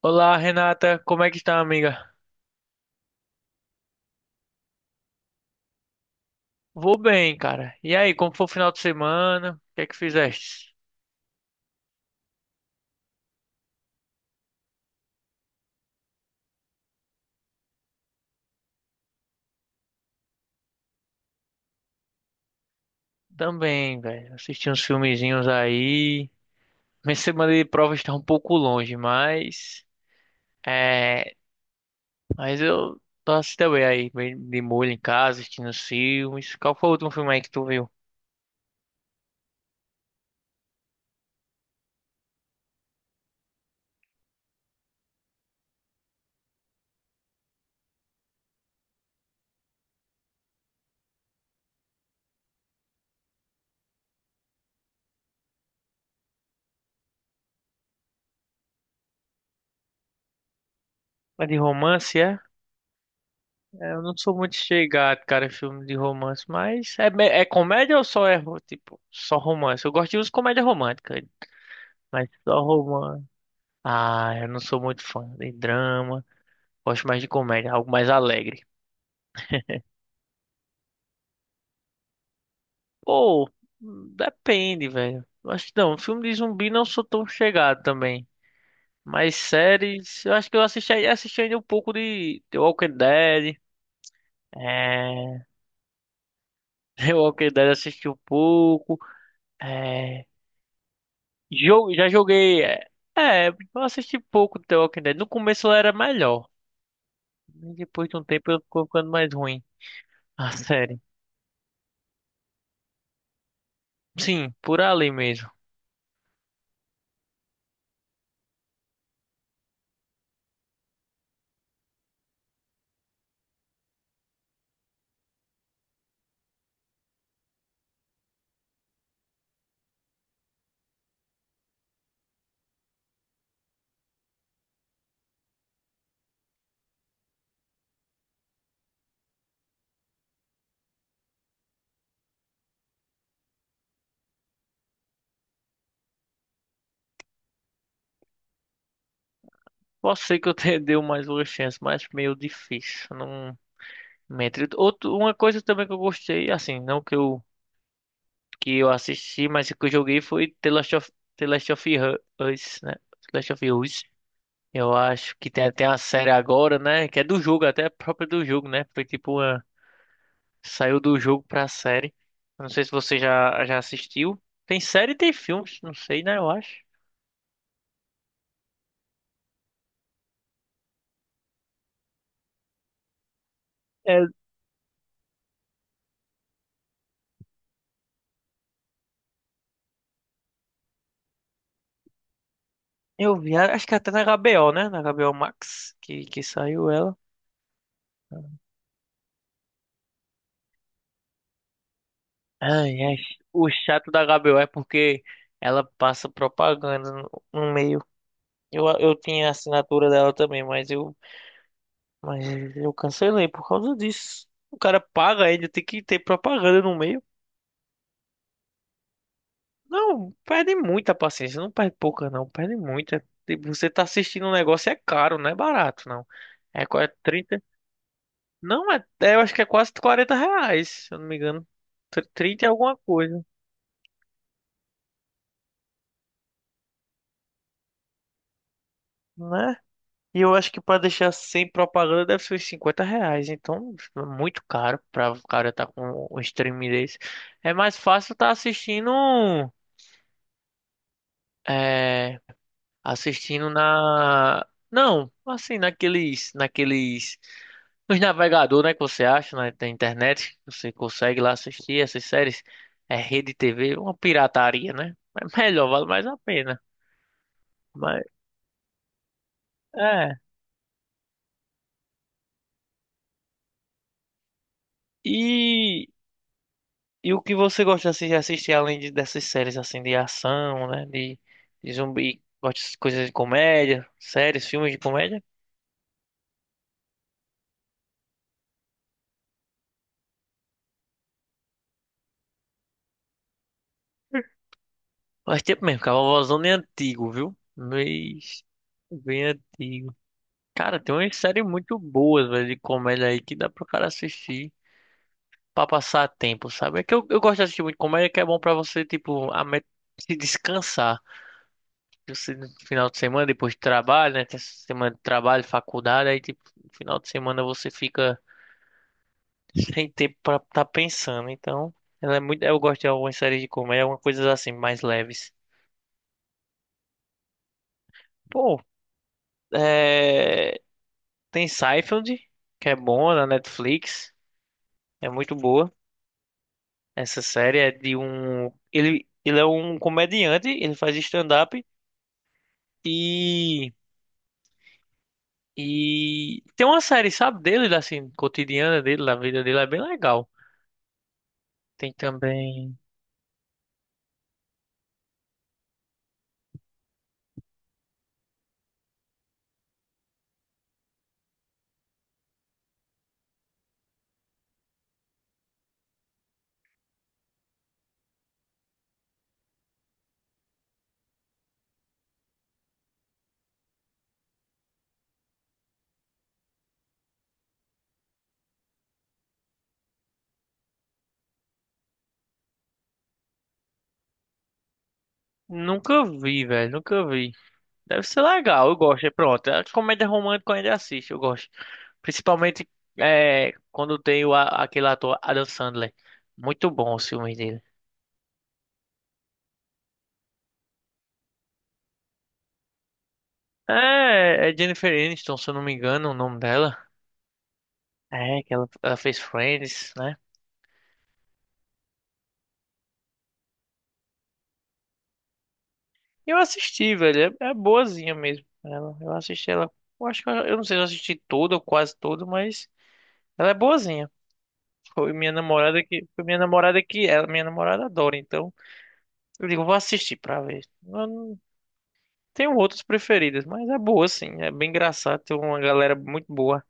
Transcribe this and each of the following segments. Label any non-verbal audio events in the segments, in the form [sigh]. Olá, Renata, como é que está, amiga? Vou bem, cara. E aí, como foi o final de semana? O que é que fizeste? Também, velho. Assisti uns filmezinhos aí. Minha semana de prova está um pouco longe, mas é, mas eu tô assistindo bem aí, bem de molho em casa, assistindo os filmes. Qual foi o último filme aí que tu viu? É de romance, é? Eu não sou muito chegado, cara, em filme de romance, mas é comédia ou só tipo, só romance? Eu gosto de uns comédia romântica, mas só romance. Ah, eu não sou muito fã de drama. Gosto mais de comédia, algo mais alegre. Pô, depende, velho. Eu acho que não, filme de zumbi não sou tão chegado também. Mas séries, eu acho que eu assisti ainda um pouco de The Walking Dead. É, [laughs] The Walking Dead assisti um pouco. É, jogo, já joguei. É, eu assisti pouco de The Walking Dead. No começo ela era melhor. Depois de um tempo eu ficou ficando mais ruim. A série. Sim, por ali mesmo. Pode ser que eu te dê [laughs] mais uma chance, mas meio difícil. Não mente. Outro, uma coisa também que eu gostei, assim, não que eu assisti, mas que eu joguei foi The Last of Us, né? The Last of Us. Eu acho que tem até uma série agora, né? Que é do jogo, até própria do jogo, né? Foi tipo uma, saiu do jogo pra série. Eu Não sei se você já assistiu. Tem série e tem filmes, não sei, né? Eu acho. É, eu vi, acho que até na HBO, né? Na HBO Max, que saiu ela. Ai, ai. O chato da HBO é porque ela passa propaganda no meio. Eu tinha a assinatura dela também, mas mas eu cancelei por causa disso. O cara paga, ainda tem que ter propaganda no meio. Não, perde muita paciência. Não perde pouca, não. Perde muita. Tipo, você tá assistindo um negócio, é caro, não é barato, não. É quase 30. Não, é, eu acho que é quase R$ 40, se eu não me engano. 30 e alguma coisa, né? E eu acho que pra deixar sem propaganda deve ser uns R$ 50. Então, é muito caro pra o cara tá com um streaming desse. É mais fácil tá assistindo. É, assistindo na. Não, assim, naqueles. Naqueles. Nos navegadores, né? Que você acha na internet. Você consegue lá assistir essas séries. É rede TV, uma pirataria, né? É melhor, vale mais a pena. Mas, é. E. E o que você gosta assim, de assistir além de, dessas séries assim de ação, né? De zumbi, gosta de coisas de comédia, séries, filmes de comédia? Faz tempo mesmo, Cavalvozão é antigo, viu? Mas bem antigo. Cara, tem umas séries muito boas, velho, de comédia aí que dá pro cara assistir pra passar tempo, sabe? É que eu gosto de assistir muito comédia que é bom pra você, tipo, se descansar. Você, no final de semana, depois de trabalho, né? Tem essa semana de trabalho, faculdade, aí, tipo, no final de semana você fica sem tempo pra estar pensando. Então, ela é muito. Eu gosto de algumas séries de comédia, algumas coisas assim, mais leves. Pô, é, tem Seinfeld, que é bom na Netflix. É muito boa. Essa série é de um. Ele é um comediante, ele faz stand-up e. E tem uma série, sabe, dele, assim, cotidiana dele, da vida dele, é bem legal. Tem também. Nunca vi, velho, nunca vi. Deve ser legal, eu gosto. E pronto, a comédia romântica eu ainda assisto, eu gosto. Principalmente quando tem aquele ator Adam Sandler. Muito bom os filmes dele. É, Jennifer Aniston, se eu não me engano, o nome dela. É, que ela fez Friends, né? Eu assisti, velho. É, boazinha mesmo. Ela, eu assisti ela. Eu acho que eu não sei se eu assisti tudo ou quase tudo, mas ela é boazinha. Foi minha namorada que. Foi minha namorada que ela, minha namorada adora, então. Eu digo, vou assistir pra ver. Tenho outros preferidas mas é boa, sim. É bem engraçado. Tem uma galera muito boa.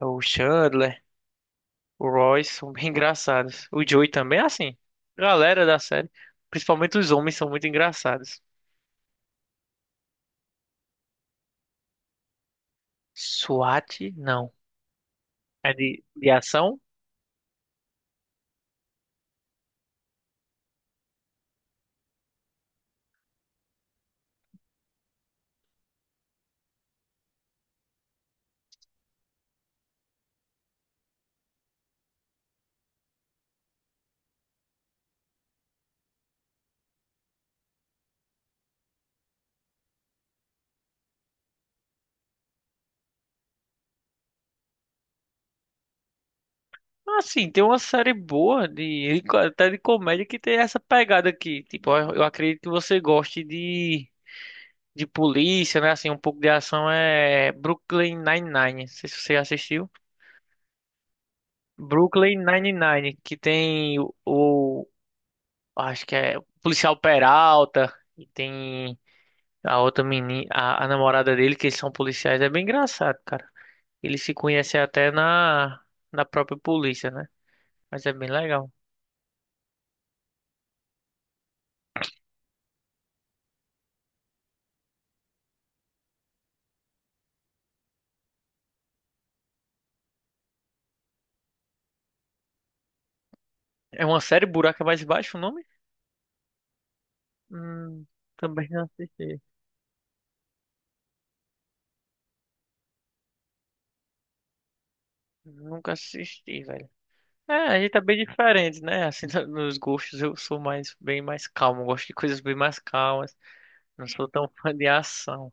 É, o Chandler, o Royce são bem engraçados. O Joey também é assim. Galera da série, principalmente os homens, são muito engraçados. SWAT, não. É de ação? Assim, tem uma série boa, de, até de comédia, que tem essa pegada aqui. Tipo, eu acredito que você goste de polícia, né? Assim, um pouco de ação é Brooklyn Nine-Nine. Não sei se você assistiu. Brooklyn Nine-Nine, que tem acho que é o policial Peralta e tem a outra menina, a namorada dele, que eles são policiais, é bem engraçado, cara. Eles se conhecem até na própria polícia, né? Mas é bem legal. É uma série Buraco é Mais Baixo, o nome? Hum, também não assisti. Nunca assisti, velho. É, a gente tá bem diferente, né? Assim, [laughs] nos gostos eu sou mais bem mais calmo, gosto de coisas bem mais calmas. Não sou tão fã de ação.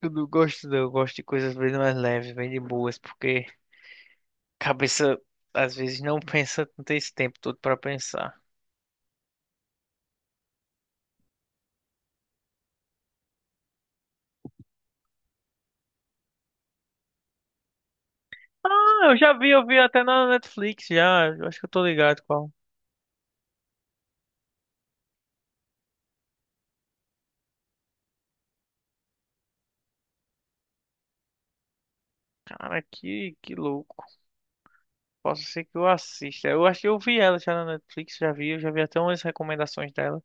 Eu não gosto, não. Eu gosto de coisas bem mais leves, bem de boas, porque a cabeça às vezes não pensa, não tem esse tempo todo pra pensar. Ah, eu já vi, eu vi até na Netflix já. Eu acho que eu tô ligado qual. Cara, que louco. Posso ser que eu assista. Eu acho que eu vi ela já na Netflix, já vi, eu já vi até umas recomendações dela.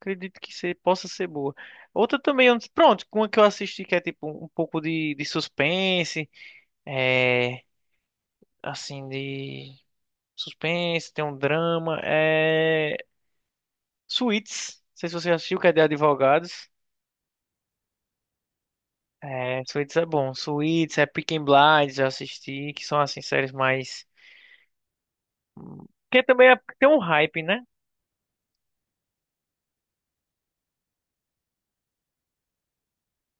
Acredito que se, possa ser boa. Outra também, eu não- pronto, uma que eu assisti que é tipo um pouco de suspense, é assim, de. Suspense, tem um drama. É. Suits. Não sei se você já assistiu, que é de advogados. É, Suits é bom. Suits, é Peaky Blinders, já assisti, que são assim séries mais. Porque também tem um hype, né?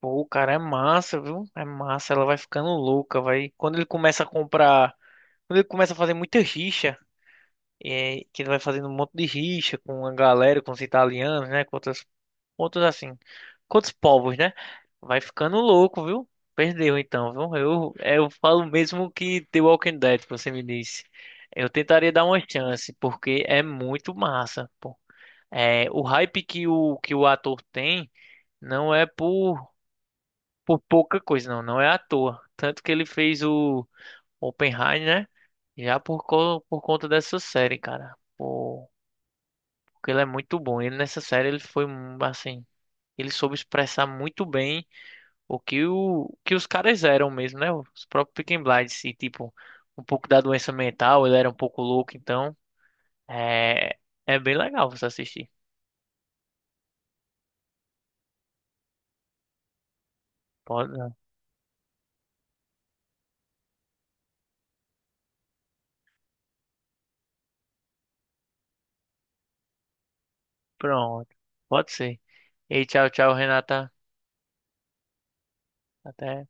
Pô, o cara é massa, viu? É massa, ela vai ficando louca, vai. Quando ele começa a comprar. Quando ele começa a fazer muita rixa. É, que ele vai fazendo um monte de rixa com a galera, com os italianos, né? Com outras, outros assim, com outros povos, né? Vai ficando louco, viu? Perdeu então, viu? Eu falo mesmo que The Walking Dead, que você me disse. Eu tentaria dar uma chance, porque é muito massa, pô. É, o hype que o ator tem não é por pouca coisa, não. Não é à toa. Tanto que ele fez o Oppenheimer, né? Já por conta dessa série, cara. Pô. Porque ele é muito bom. Ele nessa série ele foi um, assim, ele soube expressar muito bem o que os caras eram mesmo, né? Os próprios Peaky Blinders e tipo um pouco da doença mental, ele era um pouco louco, então é é bem legal você assistir. Pode, pronto. Pode ser. E tchau, tchau, Renata. Até